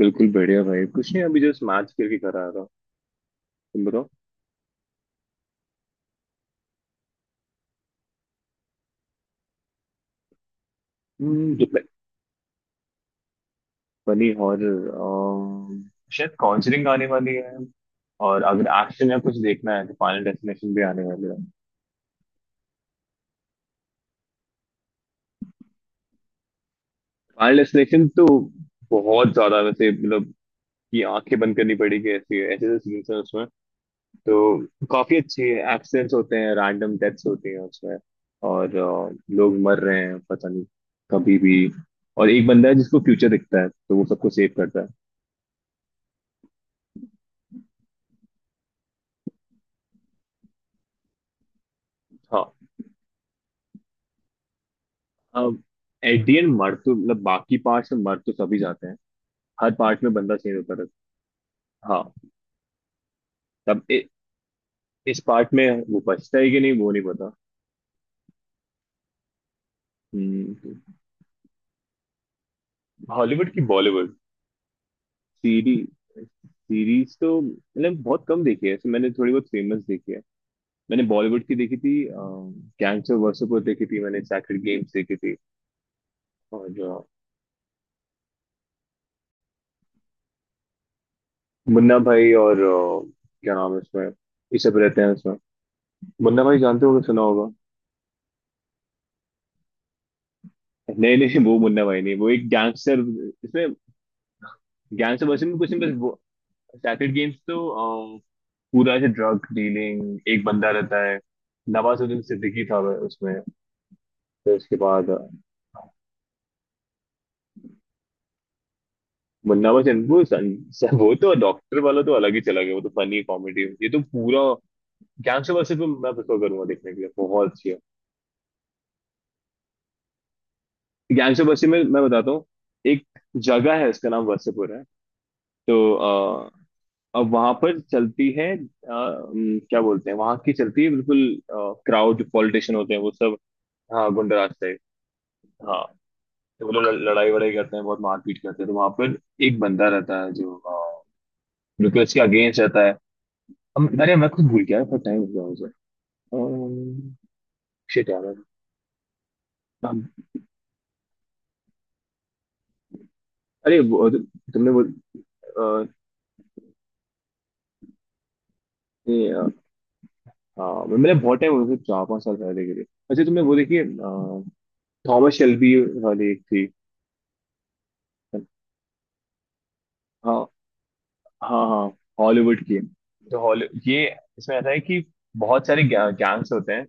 बिल्कुल बढ़िया भाई। कुछ नहीं, अभी जस्ट मैच करके घर आ रहा हूँ। तुम बताओ। जो बनी हॉरर। शायद कॉन्जरिंग आने वाली है। और अगर एक्शन या कुछ देखना है तो फाइनल डेस्टिनेशन भी आने वाली है। फाइनल डेस्टिनेशन तो बहुत ज्यादा वैसे, मतलब कि आंखें बंद करनी पड़ी, कि ऐसे ऐसे ऐसे सीन्स हैं उसमें। तो काफी अच्छी। एक्सीडेंट्स होते हैं, रैंडम डेथ्स होती हैं उसमें। और लोग मर रहे हैं, पता नहीं कभी भी। और एक बंदा है जिसको फ्यूचर दिखता है, तो वो सबको सेव करता है। हाँ। अब एट दी एंड मर तो, मतलब बाकी पार्ट्स में मर तो सभी जाते हैं। हर पार्ट में बंदा चेंज होता रहता है। हाँ। तब इस पार्ट में वो बचता है कि नहीं, वो नहीं पता। हॉलीवुड की बॉलीवुड? सीरीज। सीरीज तो मतलब बहुत कम देखी है ऐसे, मैंने थोड़ी बहुत फेमस देखी है। मैंने बॉलीवुड की देखी थी। कैंसर वर्सेपुर देखी थी, मैंने सैक्रेड गेम्स देखी थी। और जो मुन्ना भाई और क्या नाम है उसमें, ये सब रहते हैं उसमें। मुन्ना भाई जानते होगे, सुना होगा। नहीं नहीं, वो मुन्ना भाई नहीं, वो एक गैंगस्टर इसमें। गैंगस्टर वर्सेस में कुछ नहीं, बस वो। सैक्रेड गेम्स तो अ, पूरा ऐसे ड्रग डीलिंग, एक बंदा रहता है। नवाजुद्दीन सिद्दीकी था वह उसमें। फिर उसके बाद, मुन्ना बचन वो वो तो डॉक्टर वाला तो अलग ही चला गया, वो तो फनी कॉमेडी, ये तो पूरा गैंगस्टर बसे पे मैं प्रेफर करूंगा देखने के लिए, बहुत अच्छी है। गैंगस्टर बसे में मैं बताता हूँ। एक जगह है, उसका नाम वसेपुर है। तो अब वहां पर चलती है, क्या बोलते हैं, वहां की चलती है बिल्कुल। क्राउड पॉलिटिशियन होते हैं वो सब। हाँ, गुंडराज टाइप। हाँ, तो वो लोग लड़ाई वड़ाई करते हैं, बहुत मारपीट करते हैं तो वहां पर, एक बंदा रहता है जो बिल्कुल इसके अगेंस्ट रहता है। हम, अरे मैं खुद भूल गया, टाइम हो गया मुझे। शिट यार। अब- अरे वो, तुमने वो, अ, ये, हाँ, मैंने बहुत टाइम हो गया, चार पांच साल पहले के लिए। अच्छा तुमने वो देखी? थॉमस शेल्बी वाली एक थी। हाँ, हाँ, हाँ। हॉलीवुड की। तो हॉली ये, इसमें ऐसा है कि बहुत सारे गैंग्स होते हैं।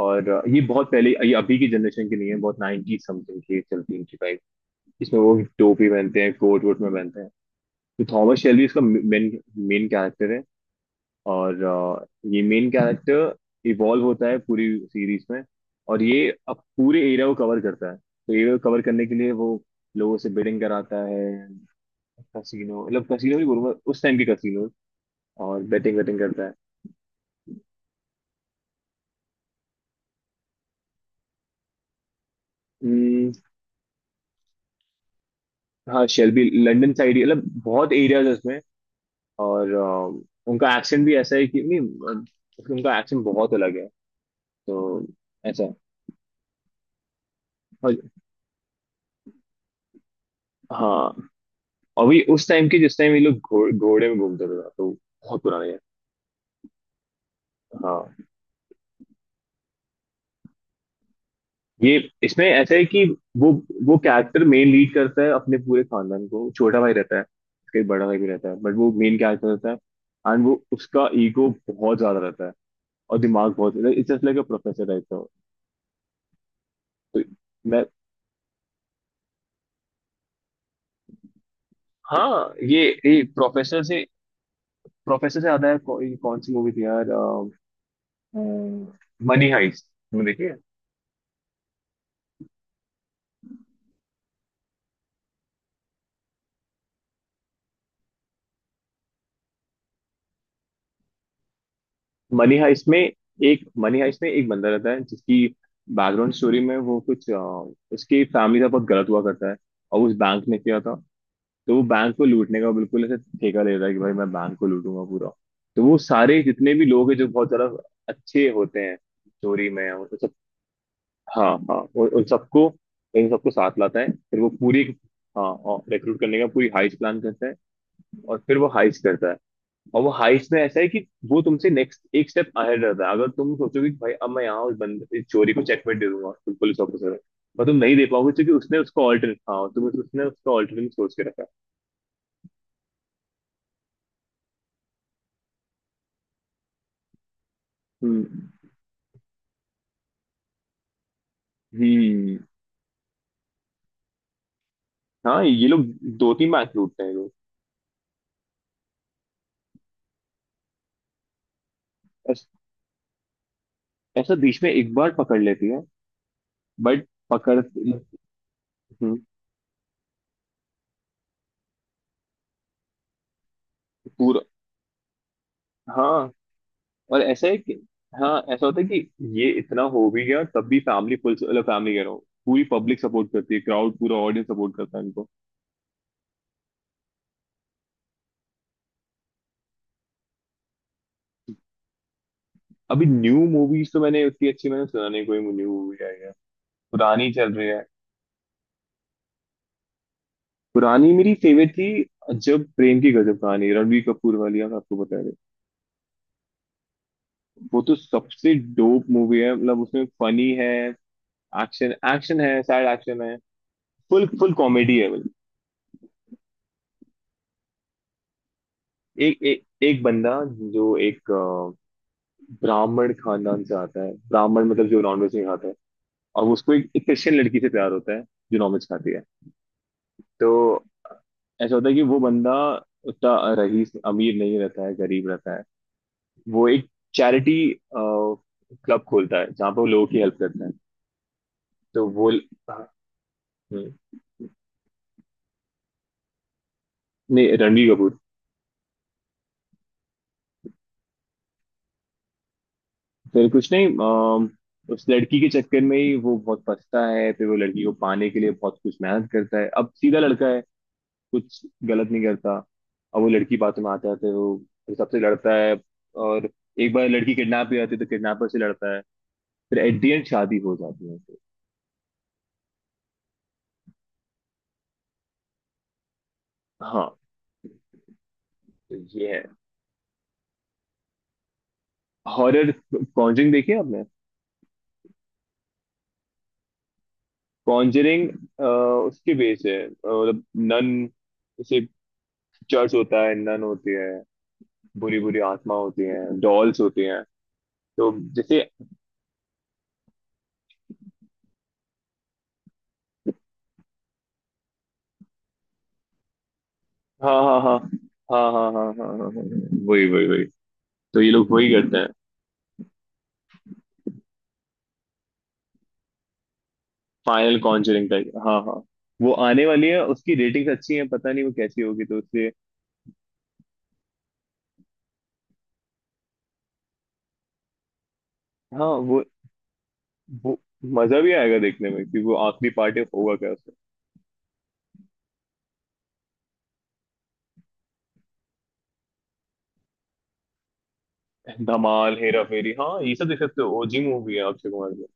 और ये बहुत पहले, ये अभी की जनरेशन की नहीं है, बहुत 90 समथिंग की चलती है इनकी बाइक। इसमें वो टोपी पहनते हैं, कोट वोट में पहनते हैं। तो थॉमस शेल्बी इसका मेन मेन कैरेक्टर है। और ये मेन कैरेक्टर इवॉल्व होता है पूरी सीरीज में। और ये अब पूरे एरिया को कवर करता है, तो एरिया को कवर करने के लिए वो लोगों से बेटिंग कराता है। कसिनो, मतलब कसिनो भी बोलूंगा उस टाइम के कसिनो, और बेटिंग वेटिंग करता है। हम्म, हाँ, शेल्बी लंदन साइड, मतलब बहुत एरियाज है उसमें। और उनका एक्सेंट भी ऐसा है कि नहीं, उनका एक्सेंट बहुत अलग है तो। ऐसा है। और हाँ, अभी उस टाइम के जिस टाइम ये लोग घोड़े में घूमते थे, तो बहुत पुराना। हाँ, ये, इसमें ऐसा है कि वो वो कैरेक्टर मेन लीड करता है अपने पूरे खानदान को, छोटा भाई रहता है उसका, एक बड़ा भाई भी रहता है, बट वो मेन कैरेक्टर रहता है। एंड वो, उसका ईगो बहुत ज्यादा रहता है। और दिमाग बहुत, it's just like a professor type का। तो मैं, हाँ, ये प्रोफेसर से आता है, ये कौन सी मूवी थी यार? Money heist. तुमने देखी है? मनी हाइस्ट में मनी हाइस्ट में एक बंदा रहता है, जिसकी बैकग्राउंड स्टोरी में वो कुछ, उसकी फैमिली का बहुत गलत हुआ करता है। और उस बैंक ने किया था। तो वो बैंक को लूटने का बिल्कुल ऐसे ठेका ले रहा है कि भाई मैं बैंक को लूटूंगा पूरा। तो वो सारे जितने भी लोग हैं जो बहुत ज्यादा अच्छे होते हैं स्टोरी में, उन सब। हाँ, हाँ, उन उन सबको, इन सबको साथ लाता है, फिर वो पूरी। हाँ, रिक्रूट करने का पूरी हाइस्ट प्लान करता है। और फिर वो हाइस्ट करता है। और वो हाइस्ट में ऐसा है कि वो तुमसे नेक्स्ट एक स्टेप अहेड रहता है। अगर तुम सोचोगे कि भाई अब मैं यहाँ उस बंदे इस चोरी को चेकमेट दे दूंगा, तुम पुलिस ऑफिसर हो। पर तुम नहीं दे पाओगे क्योंकि उसने उसको ऑल्टरनेट, हाँ तुम, उसने उसको ऑल्टरनेट सोच के रखा है। हम्म हम्म, हाँ, ये लोग दो तीन मैच लूटते हैं ये लोग। ऐस- ऐसा बीच में एक बार पकड़ लेती है, बट पकड़। हम्म, पूरा, हाँ, और ऐसा है कि, हाँ, ऐसा होता है कि ये इतना हो भी गया तब भी फैमिली, पुलिस फैमिली कह रहा हूँ। पूरी पब्लिक सपोर्ट करती है, क्राउड पूरा ऑडियंस सपोर्ट करता है इनको। अभी न्यू मूवीज तो मैंने उतनी अच्छी, मैंने सुना नहीं कोई न्यू मूवी आई है। पुरानी चल रही है। पुरानी मेरी फेवरेट थी, जब प्रेम की गजब कहानी, रणबीर कपूर वाली, आप आपको बता रहे। वो तो सबसे डोप मूवी है, मतलब उसमें फनी है, एक्शन एक्शन है, सैड एक्शन है, फुल फुल कॉमेडी है, मतलब एक एक एक बंदा, जो एक ब्राह्मण खानदान से आता है। ब्राह्मण मतलब जो नॉनवेज नहीं खाता है। और उसको एक क्रिश्चियन लड़की से प्यार होता है, जो नॉनवेज खाती है। तो ऐसा होता है कि वो बंदा उतना रईस, अमीर नहीं रहता है, गरीब रहता है। वो एक चैरिटी क्लब खोलता है जहाँ पे वो लोगों की हेल्प करता है। तो वो, हाँ, हम्म, नहीं, रणबीर कपूर। फिर कुछ नहीं, उस लड़की के चक्कर में ही वो बहुत फंसता है, फिर वो लड़की को पाने के लिए बहुत कुछ मेहनत करता है, अब सीधा लड़का है, कुछ गलत नहीं करता। अब वो लड़की बातों में आता है, तो वो फिर सबसे लड़ता है, और एक बार लड़की किडनैप भी आती है तो किडनैपर से लड़ता है। फिर एट दी एंड शादी हो जाती है। हाँ, ये है हॉरर। कॉन्जरिंग देखी है आपने? कॉन्जरिंग उसके बेस है, मतलब नन, जैसे चर्च होता है, नन होती है, बुरी बुरी आत्मा होती है, डॉल्स होती हैं, तो जैसे, हाँ, हाँ, हाँ, हाँ, हाँ, हाँ, हाँ, हाँ, हाँ, हाँ, वही वही वही। तो ये लोग वही करते हैं। फाइनल कॉन्जरिंग टाइप, हाँ, हाँ, वो आने वाली है, उसकी रेटिंग्स अच्छी हैं, पता नहीं वो कैसी होगी तो उससे। हाँ, वो मजा भी आएगा देखने में, कि वो आखिरी पार्ट होगा क्या। धमाल, हेरा फेरी, हाँ, ये सब देख सकते हो, ओजी मूवी है अक्षय कुमार की।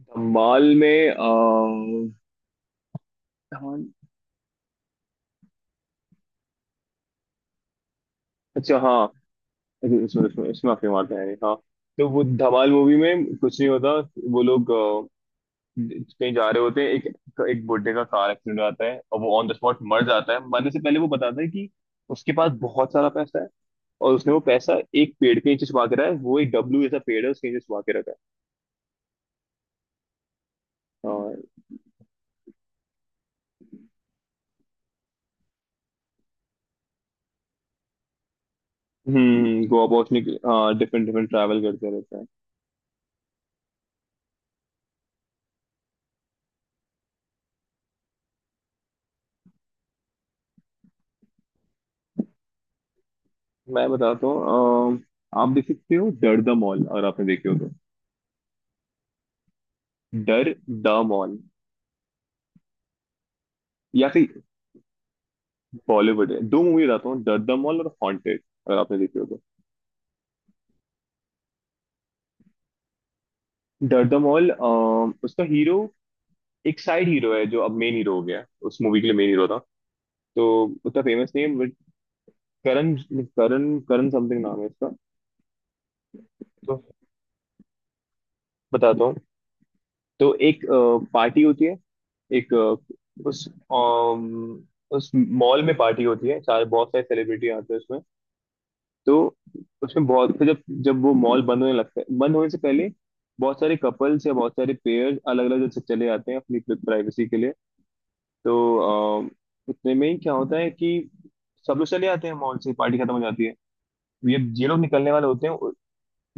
धमाल में धमाल, अच्छा, हाँ, इसमें इसमें इसमें अक्षय कुमार था, यानी, हाँ। तो वो धमाल मूवी में कुछ नहीं होता, वो लोग कहीं जा रहे होते हैं, एक एक बुड्ढे का कार एक्सीडेंट आता है और वो ऑन द स्पॉट मर जाता है। मरने से पहले वो बताता है कि उसके पास बहुत सारा पैसा है, और उसने वो पैसा एक पेड़ के नीचे छुपा के रखा है, वो एक डब्लू जैसा पेड़ है, उसके नीचे छुपा के रखा है। और गोवा पहुंचने के, हाँ, डिफरेंट डिफरेंट ट्रैवल करते रहते हैं। मैं बताता हूँ, आप देख सकते हो डर द मॉल, अगर आपने देखी हो तो। डर द मॉल, या फिर, बॉलीवुड है, दो मूवी बताता हूँ, डर द मॉल और हॉन्टेड, अगर आपने देखी हो तो। डर द मॉल, उसका हीरो एक साइड हीरो है, जो अब मेन हीरो हो गया है। उस मूवी के लिए मेन हीरो था। तो उतना फेमस नहीं है but करण करण करण समथिंग नाम है इसका। तो बताता हूँ, तो एक पार्टी होती है, एक, उस, उस मॉल में पार्टी होती है, सारे बहुत सारे सेलिब्रिटी आते हैं उसमें। तो उसमें बहुत, फिर जब जब वो मॉल बंद होने लगता है, बंद होने से पहले बहुत सारे कपल्स या बहुत सारे पेयर्स अलग अलग जगह चले जाते हैं अपनी प्राइवेसी के लिए। तो इतने में ही क्या होता है कि सब लोग चले जाते हैं मॉल से, पार्टी खत्म हो जाती है, ये लोग निकलने वाले होते हैं,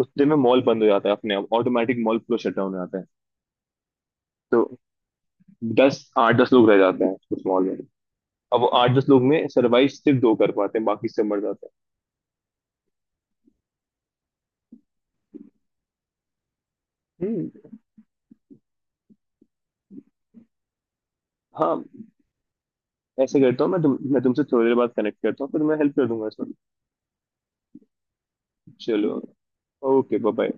उतने में मॉल बंद हो जाता है, अपने आप ऑटोमेटिक मॉल पूरा शट डाउन हो जाता है। तो दस, आठ दस लोग रह जाते हैं उस मॉल में। अब वो आठ दस लोग में सर्वाइव सिर्फ दो कर पाते हैं, बाकी सब मर जाते हैं। हाँ, ऐसे करता हूँ मैं, तुमसे थोड़ी देर बाद कनेक्ट करता हूँ, फिर मैं हेल्प कर दूंगा इसमें। चलो, ओके, बाय बाय।